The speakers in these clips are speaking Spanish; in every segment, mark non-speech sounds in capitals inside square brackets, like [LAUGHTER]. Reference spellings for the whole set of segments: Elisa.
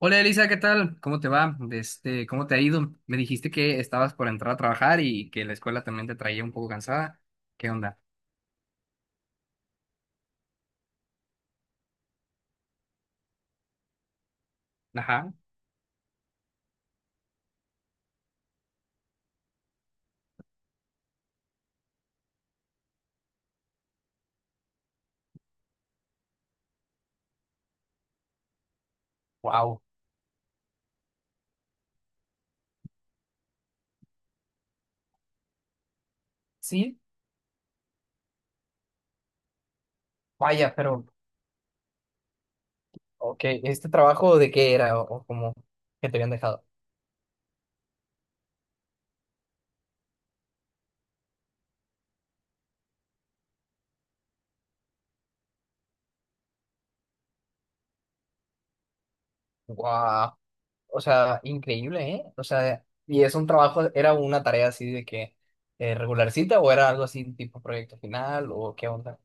Hola Elisa, ¿qué tal? ¿Cómo te va? Este, ¿cómo te ha ido? Me dijiste que estabas por entrar a trabajar y que la escuela también te traía un poco cansada. ¿Qué onda? Ajá. Wow. Sí, vaya, pero, ok, ¿este trabajo de qué era o cómo que te habían dejado? Wow. O sea, increíble, ¿eh? O sea, ¿y es un trabajo, era una tarea así de que regularcita o era algo así tipo proyecto final o qué onda?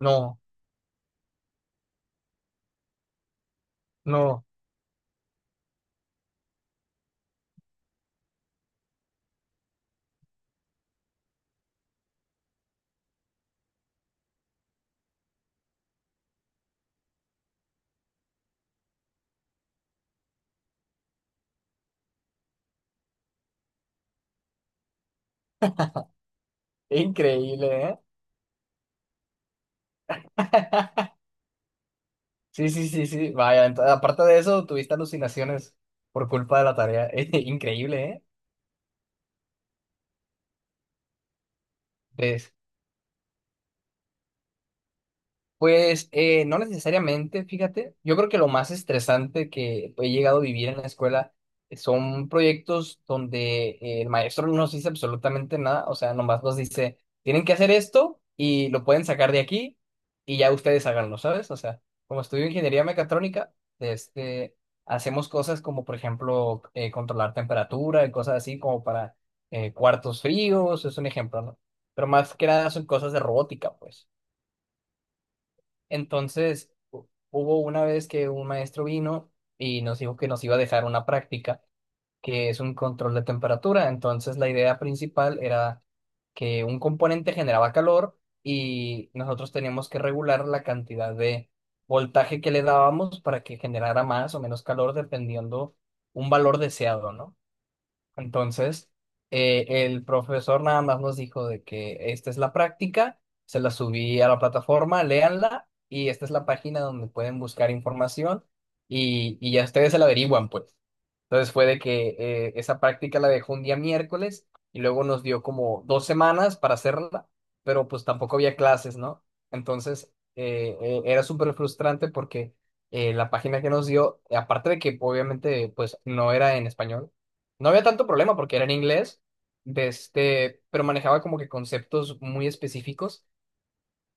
No, no, increíble, ¿eh? Sí, sí, sí, sí. Vaya, aparte de eso, tuviste alucinaciones por culpa de la tarea. [LAUGHS] Increíble, ¿eh? Pues no necesariamente, fíjate. Yo creo que lo más estresante que he llegado a vivir en la escuela son proyectos donde el maestro no nos dice absolutamente nada, o sea, nomás nos dice, tienen que hacer esto y lo pueden sacar de aquí y ya ustedes háganlo, ¿sabes? O sea, como estudio ingeniería mecatrónica, este, hacemos cosas como, por ejemplo, controlar temperatura y cosas así como para cuartos fríos, es un ejemplo, ¿no? Pero más que nada son cosas de robótica, pues. Entonces, hubo una vez que un maestro vino y nos dijo que nos iba a dejar una práctica, que es un control de temperatura. Entonces, la idea principal era que un componente generaba calor y nosotros teníamos que regular la cantidad de voltaje que le dábamos para que generara más o menos calor dependiendo un valor deseado, ¿no? Entonces, el profesor nada más nos dijo de que esta es la práctica, se la subí a la plataforma, léanla y esta es la página donde pueden buscar información y ya ustedes se la averiguan, pues. Entonces fue de que esa práctica la dejó un día miércoles y luego nos dio como dos semanas para hacerla, pero pues tampoco había clases, ¿no? Entonces, era súper frustrante porque la página que nos dio, aparte de que obviamente pues no era en español, no había tanto problema porque era en inglés, de este, pero manejaba como que conceptos muy específicos,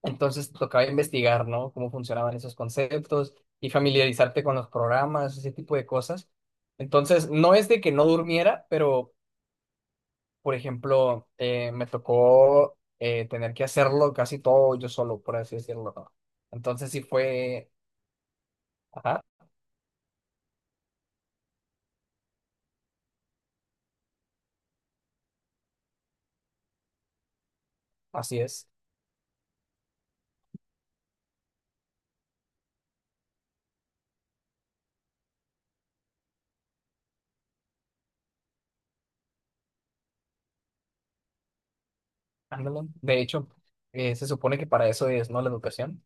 entonces tocaba investigar, ¿no? Cómo funcionaban esos conceptos y familiarizarte con los programas, ese tipo de cosas. Entonces, no es de que no durmiera, pero, por ejemplo, me tocó tener que hacerlo casi todo yo solo, por así decirlo, ¿no? Entonces sí fue, ajá, así es, ándale. De hecho, se supone que para eso es, ¿no? La educación.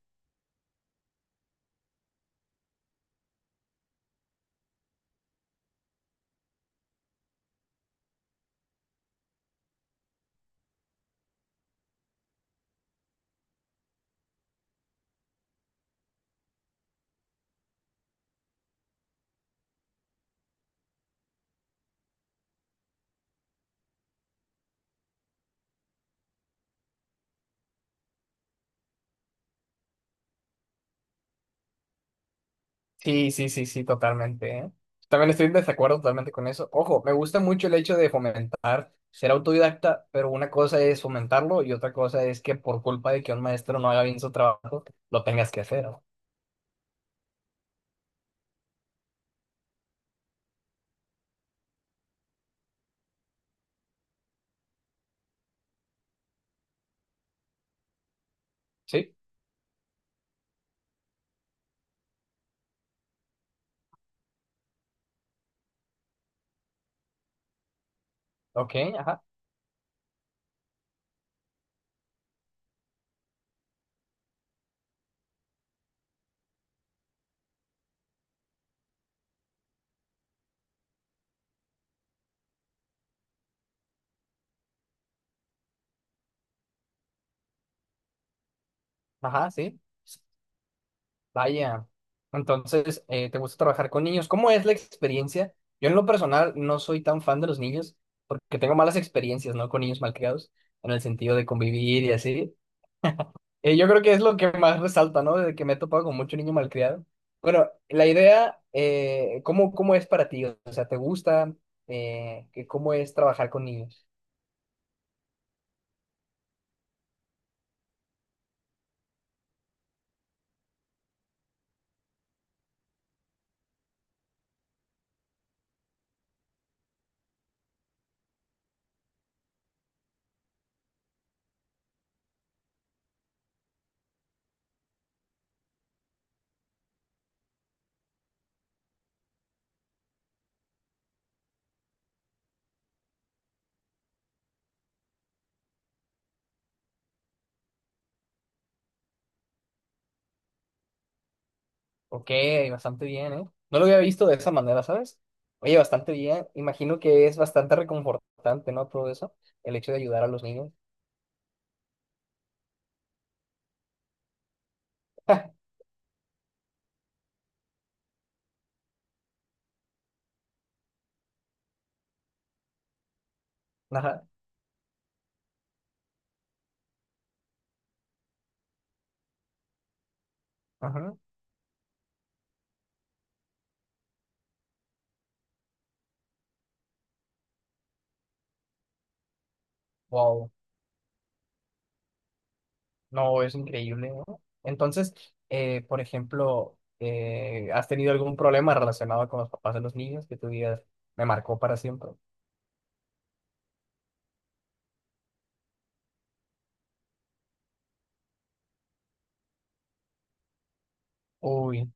Sí, sí, sí, sí, totalmente, ¿eh? También estoy en desacuerdo totalmente con eso. Ojo, me gusta mucho el hecho de fomentar, ser autodidacta, pero una cosa es fomentarlo y otra cosa es que por culpa de que un maestro no haga bien su trabajo, lo tengas que hacer, ¿no? ¿Sí? Ok, ajá, ajá, sí. Vaya. Entonces, ¿te gusta trabajar con niños? ¿Cómo es la experiencia? Yo en lo personal no soy tan fan de los niños porque tengo malas experiencias, ¿no? Con niños malcriados, en el sentido de convivir y así. Yo creo que es lo que más resalta, ¿no? De que me he topado con mucho niño malcriado. Bueno, la idea, ¿cómo, cómo es para ti? O sea, ¿te gusta? Que ¿Cómo es trabajar con niños? Ok, bastante bien, ¿eh? No lo había visto de esa manera, ¿sabes? Oye, bastante bien. Imagino que es bastante reconfortante, ¿no? Todo eso, el hecho de ayudar a los niños. [LAUGHS] Ajá, ajá. Wow. No, es increíble, ¿no? Entonces, por ejemplo, ¿has tenido algún problema relacionado con los papás de los niños que tú digas, me marcó para siempre? Uy,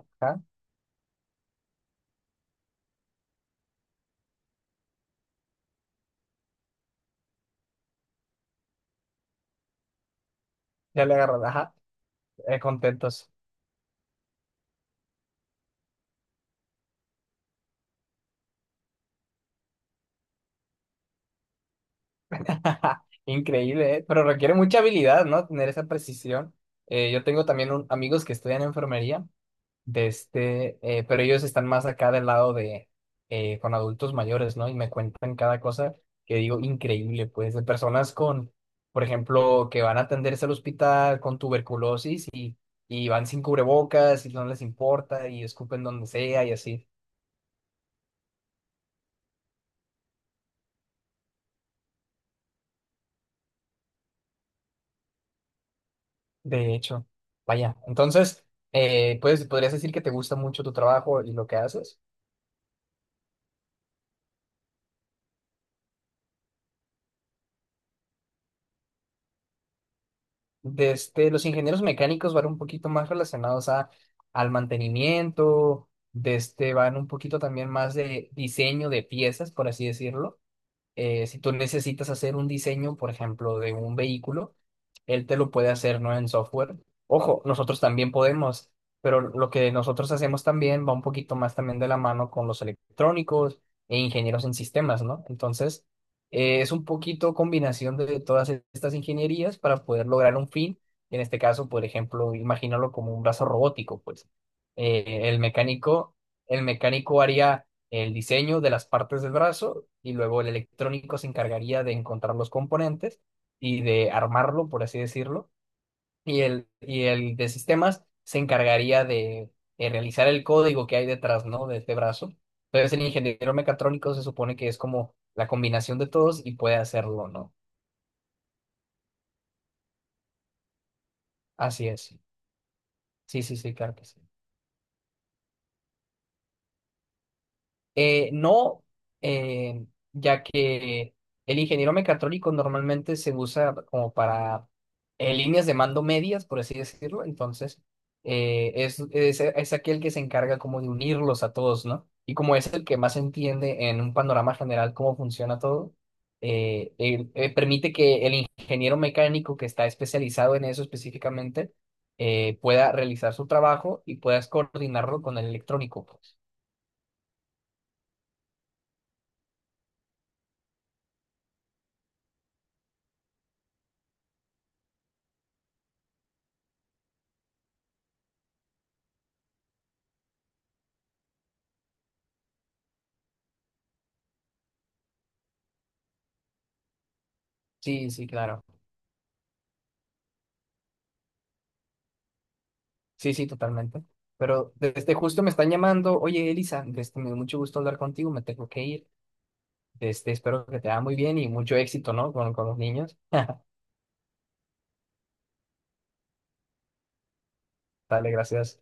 ajá, ya le agarró, ajá, contentos. [LAUGHS] Increíble, ¿eh? Pero requiere mucha habilidad, ¿no? Tener esa precisión. Yo tengo también amigos que estudian enfermería de este, pero ellos están más acá del lado de, con adultos mayores, ¿no? Y me cuentan cada cosa que digo increíble, pues, de personas con, por ejemplo, que van a atenderse al hospital con tuberculosis y van sin cubrebocas y no les importa y escupen donde sea y así. De hecho, vaya. Entonces, pues, podrías decir que te gusta mucho tu trabajo y lo que haces. De este, los ingenieros mecánicos van un poquito más relacionados a, al mantenimiento, de este, van un poquito también más de diseño de piezas, por así decirlo. Si tú necesitas hacer un diseño, por ejemplo, de un vehículo, él te lo puede hacer, ¿no? En software. Ojo, nosotros también podemos, pero lo que nosotros hacemos también va un poquito más también de la mano con los electrónicos e ingenieros en sistemas, ¿no? Entonces, es un poquito combinación de todas estas ingenierías para poder lograr un fin. En este caso, por ejemplo, imagínalo como un brazo robótico, pues. Eh, el mecánico, el mecánico haría el diseño de las partes del brazo y luego el electrónico se encargaría de encontrar los componentes y de armarlo, por así decirlo, y el de sistemas se encargaría de, realizar el código que hay detrás, ¿no? De este brazo. Entonces el ingeniero mecatrónico se supone que es como la combinación de todos y puede hacerlo, ¿no? Así es. Sí, sí, sí, claro que sí. No, eh, ya que el ingeniero mecatrónico normalmente se usa como para líneas de mando medias, por así decirlo. Entonces, es aquel que se encarga como de unirlos a todos, ¿no? Y como es el que más entiende en un panorama general cómo funciona todo, permite que el ingeniero mecánico que está especializado en eso específicamente pueda realizar su trabajo y puedas coordinarlo con el electrónico, pues. Sí, sí, claro. Sí, sí, totalmente. Pero desde justo me están llamando, oye Elisa, desde, me dio mucho gusto hablar contigo, me tengo que ir. Este, espero que te vaya muy bien y mucho éxito, ¿no? Con los niños. [LAUGHS] Dale, gracias.